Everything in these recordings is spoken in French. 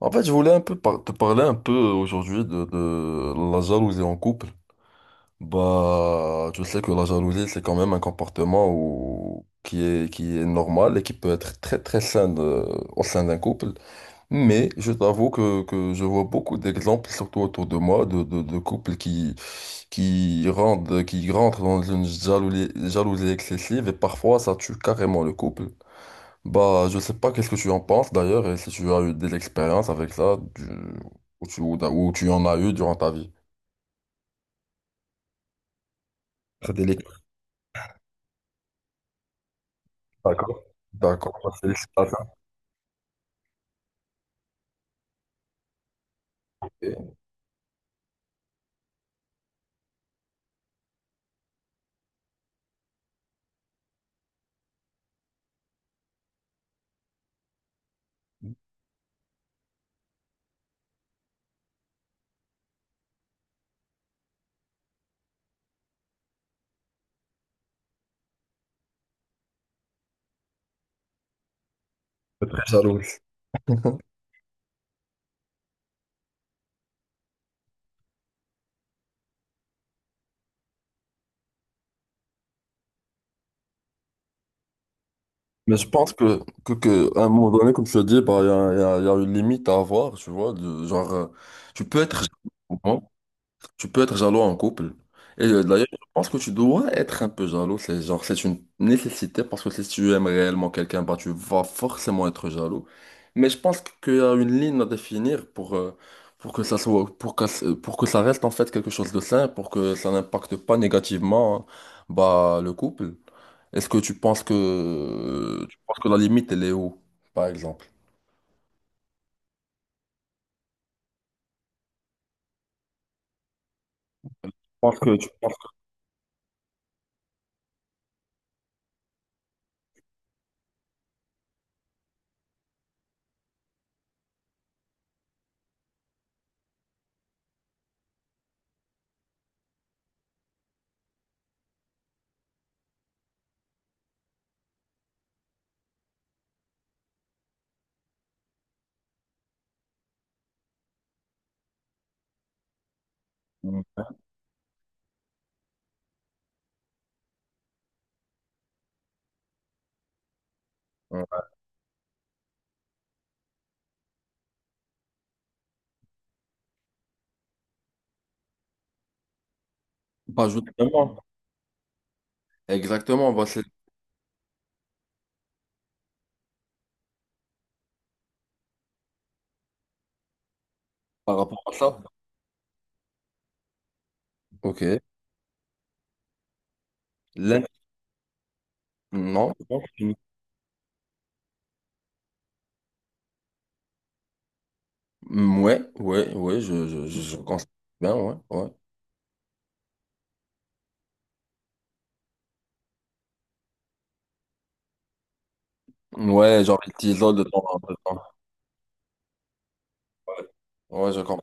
En fait, je voulais un peu te parler un peu aujourd'hui de la jalousie en couple. Je sais que la jalousie, c'est quand même un comportement qui est normal et qui peut être très très sain au sein d'un couple. Mais je t'avoue que je vois beaucoup d'exemples, surtout autour de moi, de couples qui, qui rentrent dans une jalousie excessive et parfois ça tue carrément le couple. Je sais pas qu'est-ce que tu en penses d'ailleurs et si tu as eu des expériences avec ça ou tu en as eu durant ta vie. C'est délicat. D'accord. D'accord, bah, c'est ça, c'est- c'est très jaloux. Mais je pense que, à un moment donné, comme tu as dit, bah, il y a une limite à avoir, tu vois. Genre, tu peux être jaloux, hein. Tu peux être jaloux en couple. Et d'ailleurs, je pense que tu dois être un peu jaloux. C'est genre, c'est une nécessité parce que si tu aimes réellement quelqu'un, bah, tu vas forcément être jaloux. Mais je pense qu'il y a une ligne à définir pour que ça soit, pour que ça reste en fait quelque chose de sain, pour que ça n'impacte pas négativement, hein, bah, le couple. Est-ce que tu penses que, tu penses que la limite, elle est où, par exemple? Je pense que tu penses que- Ouais. Bah, justement, exactement, bah, c'est par rapport à ça. Ok. L'in- Non. Mm, ouais, ouais, ouais, je conçois bien, ouais, ouais. Ouais, genre, il t'isole de temps en temps. Ouais, je comprends.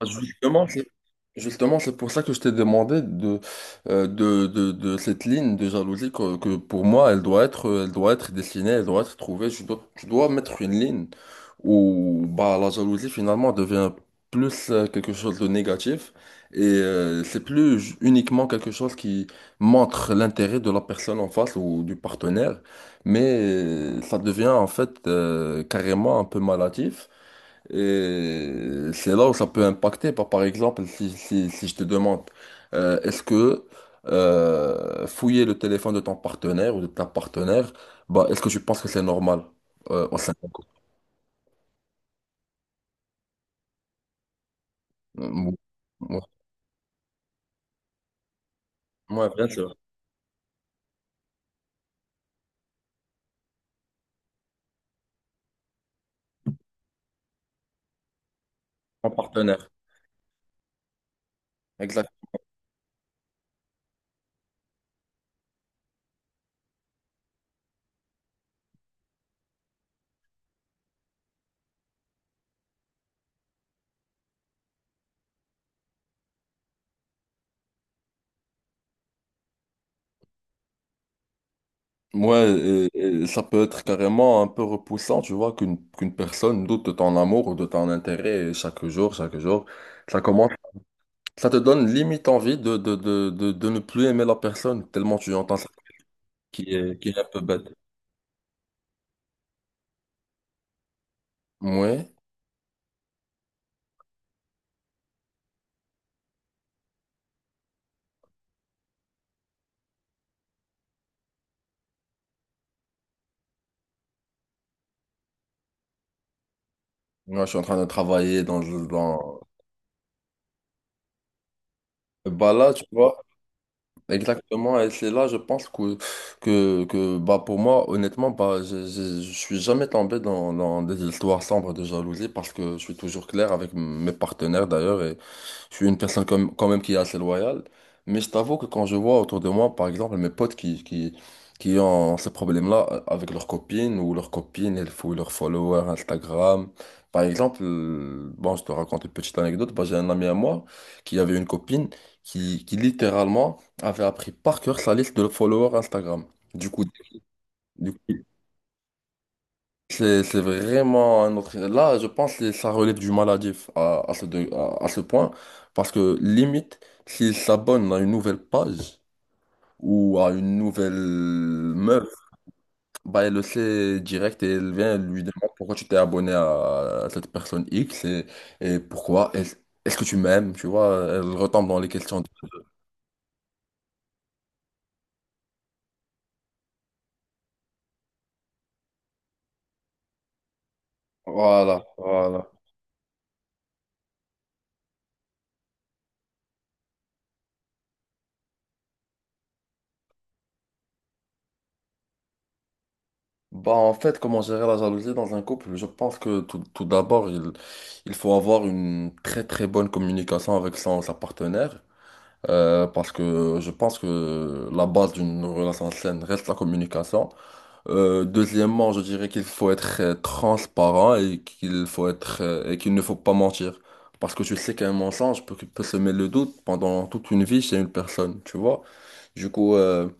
Bah, justement, c'est justement, c'est pour ça que je t'ai demandé de, de cette ligne de jalousie que pour moi, elle doit être dessinée, elle doit être trouvée. Je dois, tu dois mettre une ligne où bah, la jalousie finalement devient plus quelque chose de négatif et c'est plus uniquement quelque chose qui montre l'intérêt de la personne en face ou du partenaire, mais ça devient en fait carrément un peu malatif. Et c'est là où ça peut impacter. Par, par exemple, si je te demande, est-ce que fouiller le téléphone de ton partenaire ou de ta partenaire, bah, est-ce que tu penses que c'est normal au sein d'un couple? Euh, Ouais, ouais, bien sûr. Ton partenaire. Exact. Ouais, et ça peut être carrément un peu repoussant, tu vois, qu'une personne doute de ton amour ou de ton intérêt chaque jour, chaque jour. Ça commence, ça te donne limite envie de, de ne plus aimer la personne, tellement tu entends ça. Qui est, qui est un peu bête. Ouais, moi je suis en train de travailler dans, dans... Bah là, tu vois, exactement, et c'est là, je pense que bah, pour moi, honnêtement, bah, je suis jamais tombé dans, dans des histoires sombres de jalousie parce que je suis toujours clair avec mes partenaires d'ailleurs. Je suis une personne quand même qui est assez loyale, mais je t'avoue que quand je vois autour de moi, par exemple, mes potes qui ont ce problème-là avec leurs copines ou leurs copines, elles fouillent leurs followers Instagram. Par exemple, bon, je te raconte une petite anecdote. Bah, j'ai un ami à moi qui avait une copine qui littéralement avait appris par cœur sa liste de followers Instagram. Du coup, du coup, c'est vraiment un autre... Là, je pense que ça relève du maladif à ce point, parce que limite, s'il s'abonne à une nouvelle page ou à une nouvelle meuf, bah, elle le sait direct et elle vient elle lui demander pourquoi tu t'es abonné à, cette personne X et pourquoi est-ce que tu m'aimes, tu vois, elle retombe dans les questions. Voilà, voilà. Bah, en fait, comment gérer la jalousie dans un couple? Je pense que tout d'abord, il faut avoir une très très bonne communication avec sa partenaire. Euh, parce que je pense que la base d'une relation saine reste la communication. Deuxièmement, je dirais qu'il faut être transparent et qu'il faut être et qu'il ne faut pas mentir. Parce que tu sais qu'un mensonge peut semer le doute pendant toute une vie chez une personne, tu vois. Du coup,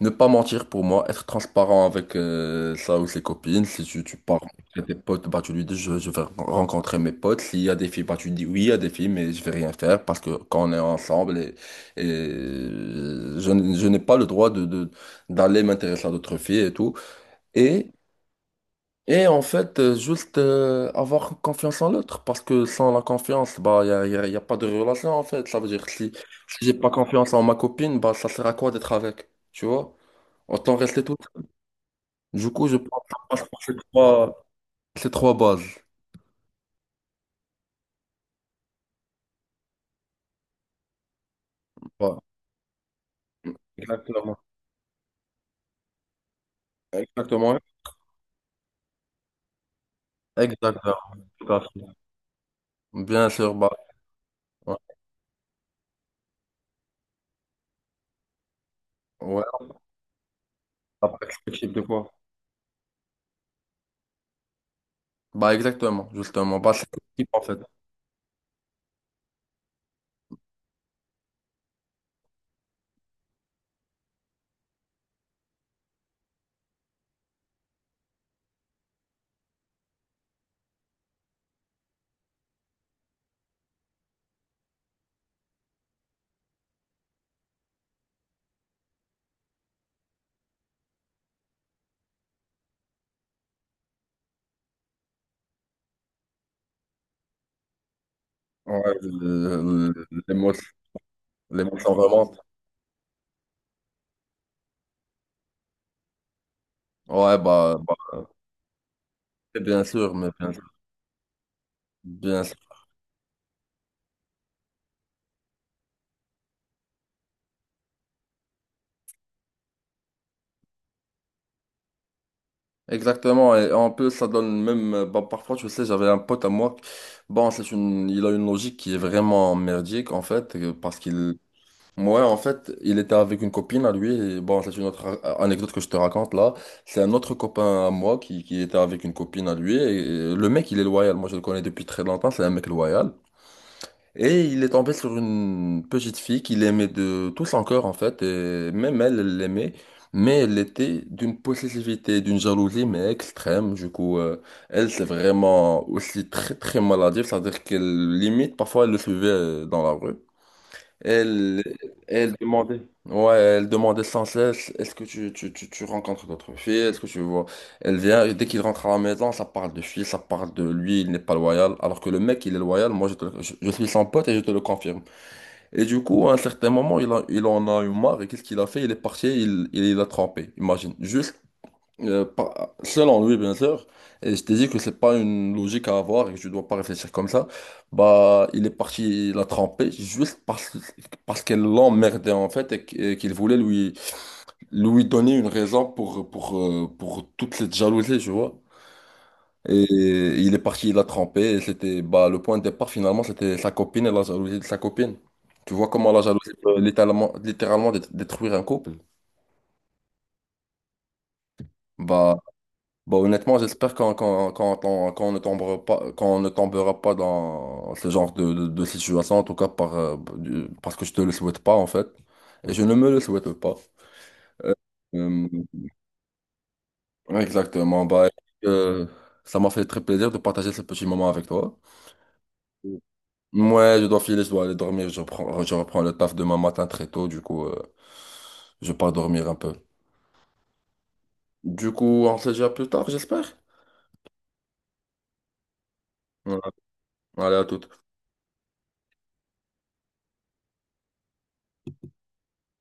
ne pas mentir pour moi, être transparent avec sa ou ses copines. Si tu, tu pars avec tes potes, bah tu lui dis je vais rencontrer mes potes. S'il y a des filles, bah tu dis oui, il y a des filles, mais je vais rien faire parce que quand on est ensemble et je n'ai pas le droit d'aller m'intéresser à d'autres filles et tout. Et, et en fait, juste avoir confiance en l'autre, parce que sans la confiance, bah, y a pas de relation en fait. Ça veut dire que si, si j'ai pas confiance en ma copine, bah, ça sert à quoi d'être avec? Tu vois? Autant rester tout seul. Du coup, je pense que ça passe par ces trois bases. Voilà. Exactement. Exactement. Exactement. Tout à fait. Bien sûr, bah, ouais, ouais, on a pas ce de quoi. Bah, exactement, justement. Bah, c'est ce en fait. Ouais, l'émotion, l'émotion vraiment. Ouais, bah, bah, bien sûr, mais bien sûr, bien sûr. Exactement, et en plus, ça donne même, bah, parfois, tu sais, j'avais un pote à moi, bon, il a une logique qui est vraiment merdique, en fait, parce qu'il, moi, en fait, il était avec une copine à lui, et bon, c'est une autre anecdote que je te raconte là, c'est un autre copain à moi qui était avec une copine à lui, et, le mec, il est loyal, moi, je le connais depuis très longtemps, c'est un mec loyal. Et il est tombé sur une petite fille qu'il aimait de tout son cœur, en fait, et même elle, elle l'aimait, mais elle était d'une possessivité, d'une jalousie, mais extrême. Du coup, elle, c'est vraiment aussi très, très maladive, c'est-à-dire qu'elle limite, parfois, elle le suivait dans la rue. Elle, elle demandait, ouais, elle demandait sans cesse, est-ce que tu rencontres d'autres filles, est-ce que tu vois. Elle vient, et dès qu'il rentre à la maison, ça parle de filles, ça parle de lui, il n'est pas loyal. Alors que le mec, il est loyal, moi, je suis son pote et je te le confirme. Et du coup, à un certain moment, il en a eu marre, et qu'est-ce qu'il a fait? Il est parti, l'a trompé, imagine. Juste selon lui, bien sûr, et je t'ai dit que c'est pas une logique à avoir et que je dois pas réfléchir comme ça, bah, il est parti la tremper juste parce qu'elle l'emmerdait en fait et qu'il voulait lui donner une raison pour toute cette jalousie, tu vois. Et il est parti la tremper et c'était, bah, le point de départ finalement, c'était sa copine et la jalousie de sa copine. Tu vois comment la jalousie peut littéralement, littéralement détruire un couple? Bah, bon, honnêtement, j'espère qu'on ne tombera pas, qu'on ne tombera pas dans ce genre de situation, en tout cas par, parce que je te le souhaite pas, en fait. Et je ne me le souhaite pas. Euh, exactement. Bah, euh, ça m'a fait très plaisir de partager ce petit moment avec toi. Ouais je dois filer, je dois aller dormir. Je reprends le taf demain matin très tôt, du coup, je pars dormir un peu. Du coup, on se dit à plus tard, j'espère. Voilà. Allez, à toute.